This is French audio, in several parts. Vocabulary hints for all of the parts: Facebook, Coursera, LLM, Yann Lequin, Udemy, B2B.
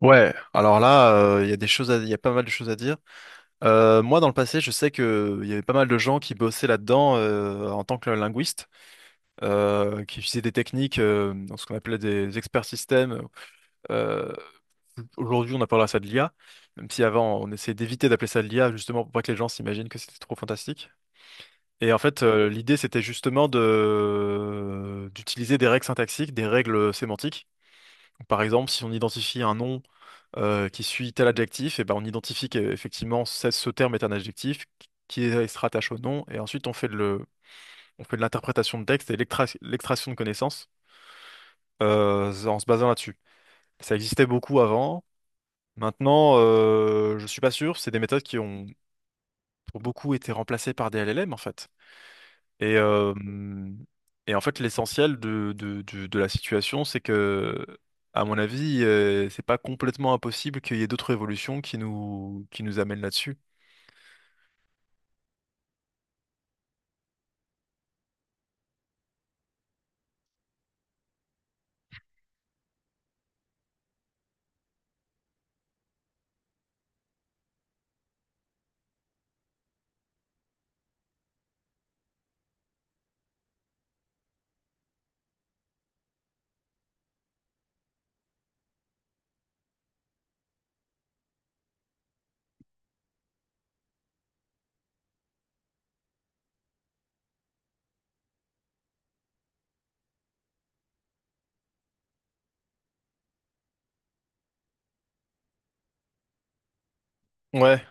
Ouais, alors là, il y a des choses, il y a pas mal de choses à dire. Moi, dans le passé, je sais que il y avait pas mal de gens qui bossaient là-dedans en tant que linguiste, qui utilisaient des techniques, dans ce qu'on appelait des experts systèmes. Euh, Aujourd'hui, on appellera ça de l'IA, même si avant, on essayait d'éviter d'appeler ça de l'IA, justement pour pas que les gens s'imaginent que c'était trop fantastique. Et en fait, l'idée, c'était justement de d'utiliser des règles syntaxiques, des règles sémantiques par exemple, si on identifie un nom qui suit tel adjectif, et ben on identifie qu'effectivement ce terme est un adjectif se rattache au nom, et ensuite on fait de l'interprétation de texte et l'extraction de connaissances en se basant là-dessus. Ça existait beaucoup avant. Maintenant, je suis pas sûr. C'est des méthodes qui ont pour beaucoup été remplacées par des LLM en fait. Et, euh, et en fait, l'essentiel de la situation, c'est que, à mon avis, c'est pas complètement impossible qu'il y ait d'autres révolutions qui nous amènent là-dessus. Ouais.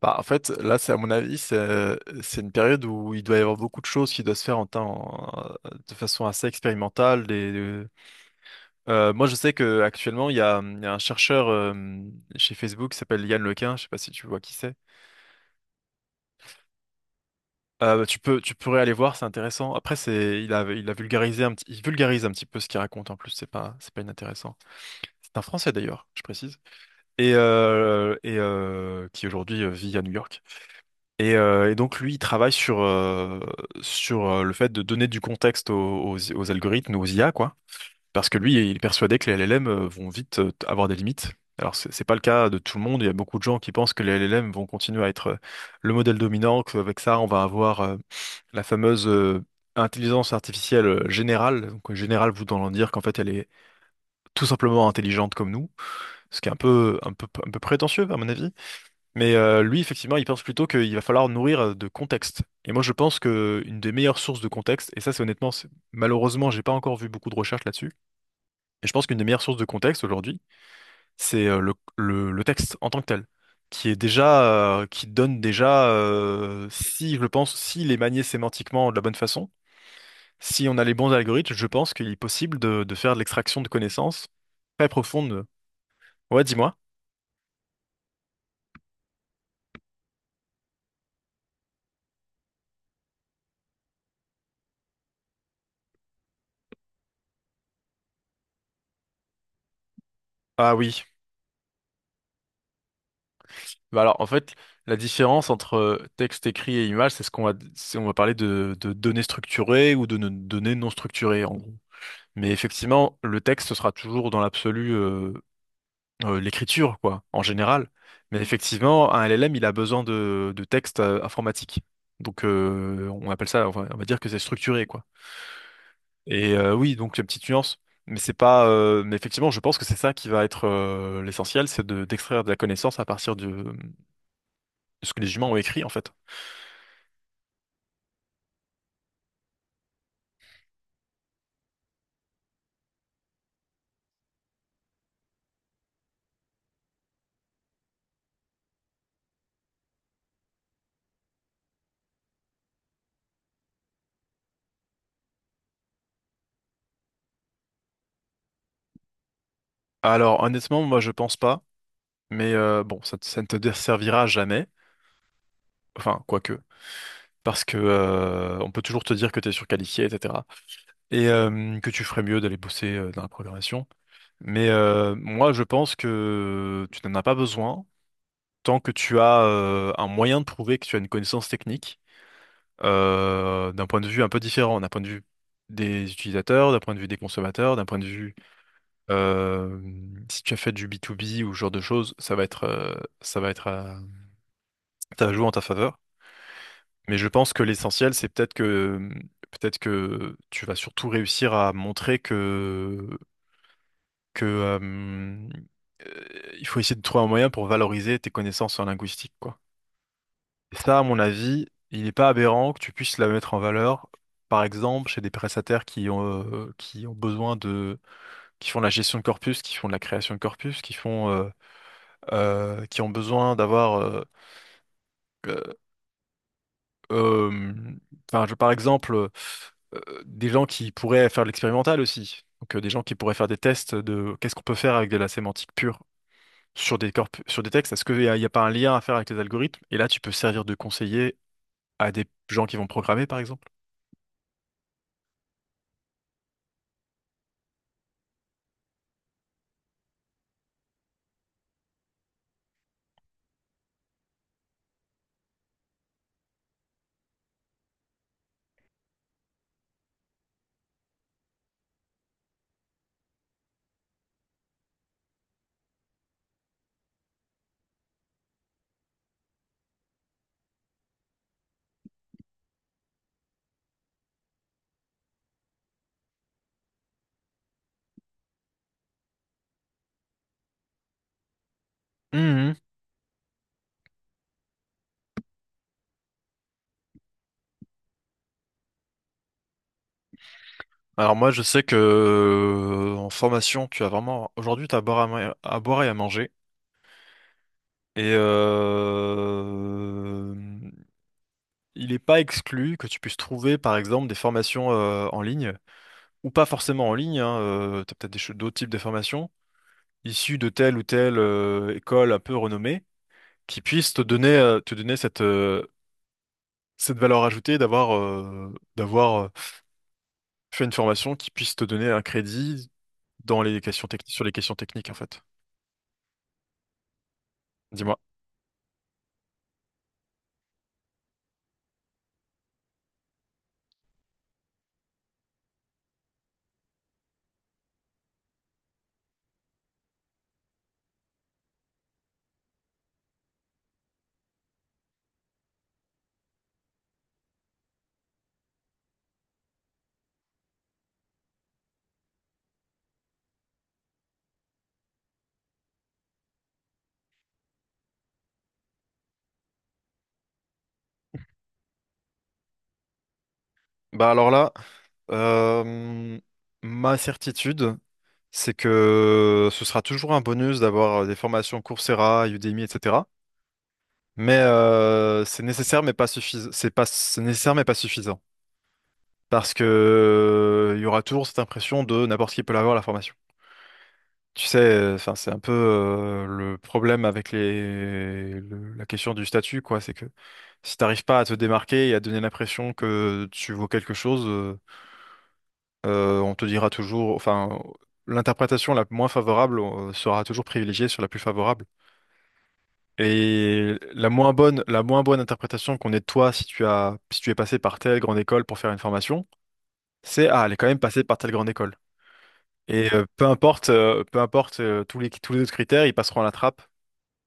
Bah, en fait, là, c'est à mon avis, c'est une période où il doit y avoir beaucoup de choses qui doivent se faire de façon assez expérimentale. Moi, je sais que actuellement, il y a un chercheur chez Facebook qui s'appelle Yann Lequin. Je sais pas si tu vois qui c'est. Tu pourrais aller voir, c'est intéressant. Après, il a il vulgarise un petit peu ce qu'il raconte en plus. C'est pas inintéressant. C'est un Français d'ailleurs, je précise, et qui aujourd'hui vit à New York. Et donc lui, il travaille sur le fait de donner du contexte aux algorithmes, aux IA, quoi. Parce que lui, il est persuadé que les LLM vont vite avoir des limites. Alors, c'est pas le cas de tout le monde. Il y a beaucoup de gens qui pensent que les LLM vont continuer à être le modèle dominant, qu'avec ça, on va avoir la fameuse intelligence artificielle générale. Donc, générale voulant dire qu'en fait, elle est tout simplement intelligente comme nous, ce qui est un peu, un peu, un peu prétentieux, à mon avis. Mais lui, effectivement, il pense plutôt qu'il va falloir nourrir de contexte. Et moi, je pense que une des meilleures sources de contexte, et ça, c'est honnêtement, malheureusement, j'ai pas encore vu beaucoup de recherches là-dessus, et je pense qu'une des meilleures sources de contexte aujourd'hui, c'est le texte en tant que tel, qui est déjà, qui donne déjà, si je le pense, s'il est manié sémantiquement de la bonne façon, si on a les bons algorithmes, je pense qu'il est possible de faire de l'extraction de connaissances très profondes. Ouais, dis-moi. Ah oui. Bah alors, en fait, la différence entre texte écrit et image, c'est ce qu'on va, c'est- on va parler de données structurées ou de no- données non structurées, en gros. Mais effectivement, le texte sera toujours dans l'absolu l'écriture, quoi, en général. Mais effectivement, un LLM, il a besoin de texte informatique. Donc, on appelle ça, enfin, on va dire que c'est structuré, quoi. Et oui, donc, une petite nuance. Mais c'est pas, Mais effectivement, je pense que c'est ça qui va être l'essentiel, c'est d'extraire de la connaissance à partir de ce que les humains ont écrit, en fait. Alors, honnêtement, moi, je pense pas. Mais bon, ça, ça ne te desservira jamais. Enfin, quoique. Parce que on peut toujours te dire que tu es surqualifié, etc. Et que tu ferais mieux d'aller bosser dans la programmation. Mais moi, je pense que tu n'en as pas besoin tant que tu as un moyen de prouver que tu as une connaissance technique d'un point de vue un peu différent, d'un point de vue des utilisateurs, d'un point de vue des consommateurs, d'un point de vue euh, si tu as fait du B2B ou ce genre de choses, ça va être ça joue en ta faveur. Mais je pense que l'essentiel, c'est peut-être que tu vas surtout réussir à montrer que il faut essayer de trouver un moyen pour valoriser tes connaissances en linguistique, quoi. Et ça, à mon avis, il n'est pas aberrant que tu puisses la mettre en valeur, par exemple, chez des prestataires qui ont besoin de qui font de la gestion de corpus, qui font de la création de corpus, qui font qui ont besoin d'avoir euh, euh, enfin, par exemple. Des gens qui pourraient faire de l'expérimental aussi. Donc, des gens qui pourraient faire des tests de qu'est-ce qu'on peut faire avec de la sémantique pure sur des corps, sur des textes. Est-ce qu'y a pas un lien à faire avec les algorithmes? Et là, tu peux servir de conseiller à des gens qui vont programmer, par exemple. Mhm. Alors moi, je sais que en formation, tu as vraiment aujourd'hui, tu as à boire, à boire et à manger. Et il n'est pas exclu que tu puisses trouver, par exemple, des formations en ligne, ou pas forcément en ligne, hein, tu as peut-être d'autres types de formations, issu de telle ou telle école un peu renommée, qui puisse te donner cette, cette valeur ajoutée d'avoir fait une formation qui puisse te donner un crédit dans les questions techniques, sur les questions techniques, en fait. Dis-moi. Bah alors là, euh, ma certitude, c'est que ce sera toujours un bonus d'avoir des formations Coursera, Udemy, etc. Mais c'est nécessaire, mais pas suffisant. C'est nécessaire, mais pas suffisant. Parce que il y aura toujours cette impression de n'importe qui peut l'avoir la formation. Tu sais, enfin, c'est un peu le problème avec la question du statut, quoi. C'est que si t'arrives pas à te démarquer et à donner l'impression que tu vaux quelque chose, on te dira toujours, enfin, l'interprétation la moins favorable sera toujours privilégiée sur la plus favorable. Et la moins bonne interprétation qu'on ait de toi si tu as si tu es passé par telle grande école pour faire une formation, c'est ah, elle est quand même passée par telle grande école. Et peu importe tous les autres critères, ils passeront à la trappe.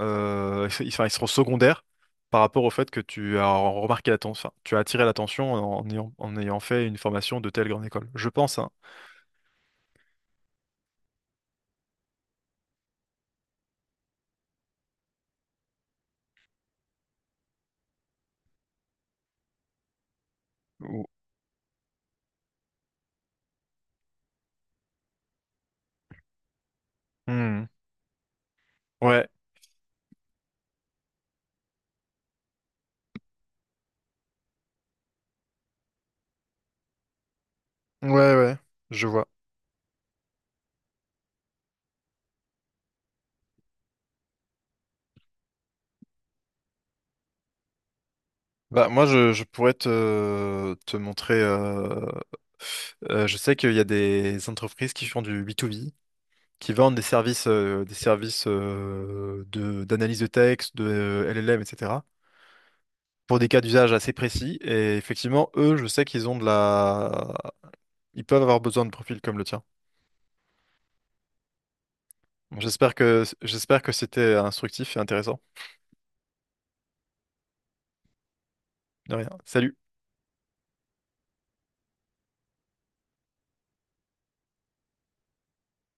Enfin, ils seront secondaires par rapport au fait que tu as remarqué l'attention, enfin, tu as attiré l'attention en ayant fait une formation de telle grande école. Je pense, hein. Ou- Hmm. Ouais, ouais, ouais, je vois. Bah, moi, je pourrais te montrer. Je sais qu'il y a des entreprises qui font du B2B, qui vendent des services, d'analyse de texte, de LLM, etc. pour des cas d'usage assez précis. Et effectivement, eux, je sais qu'ils ont Ils peuvent avoir besoin de profils comme le tien. J'espère que c'était instructif et intéressant. De rien. Salut.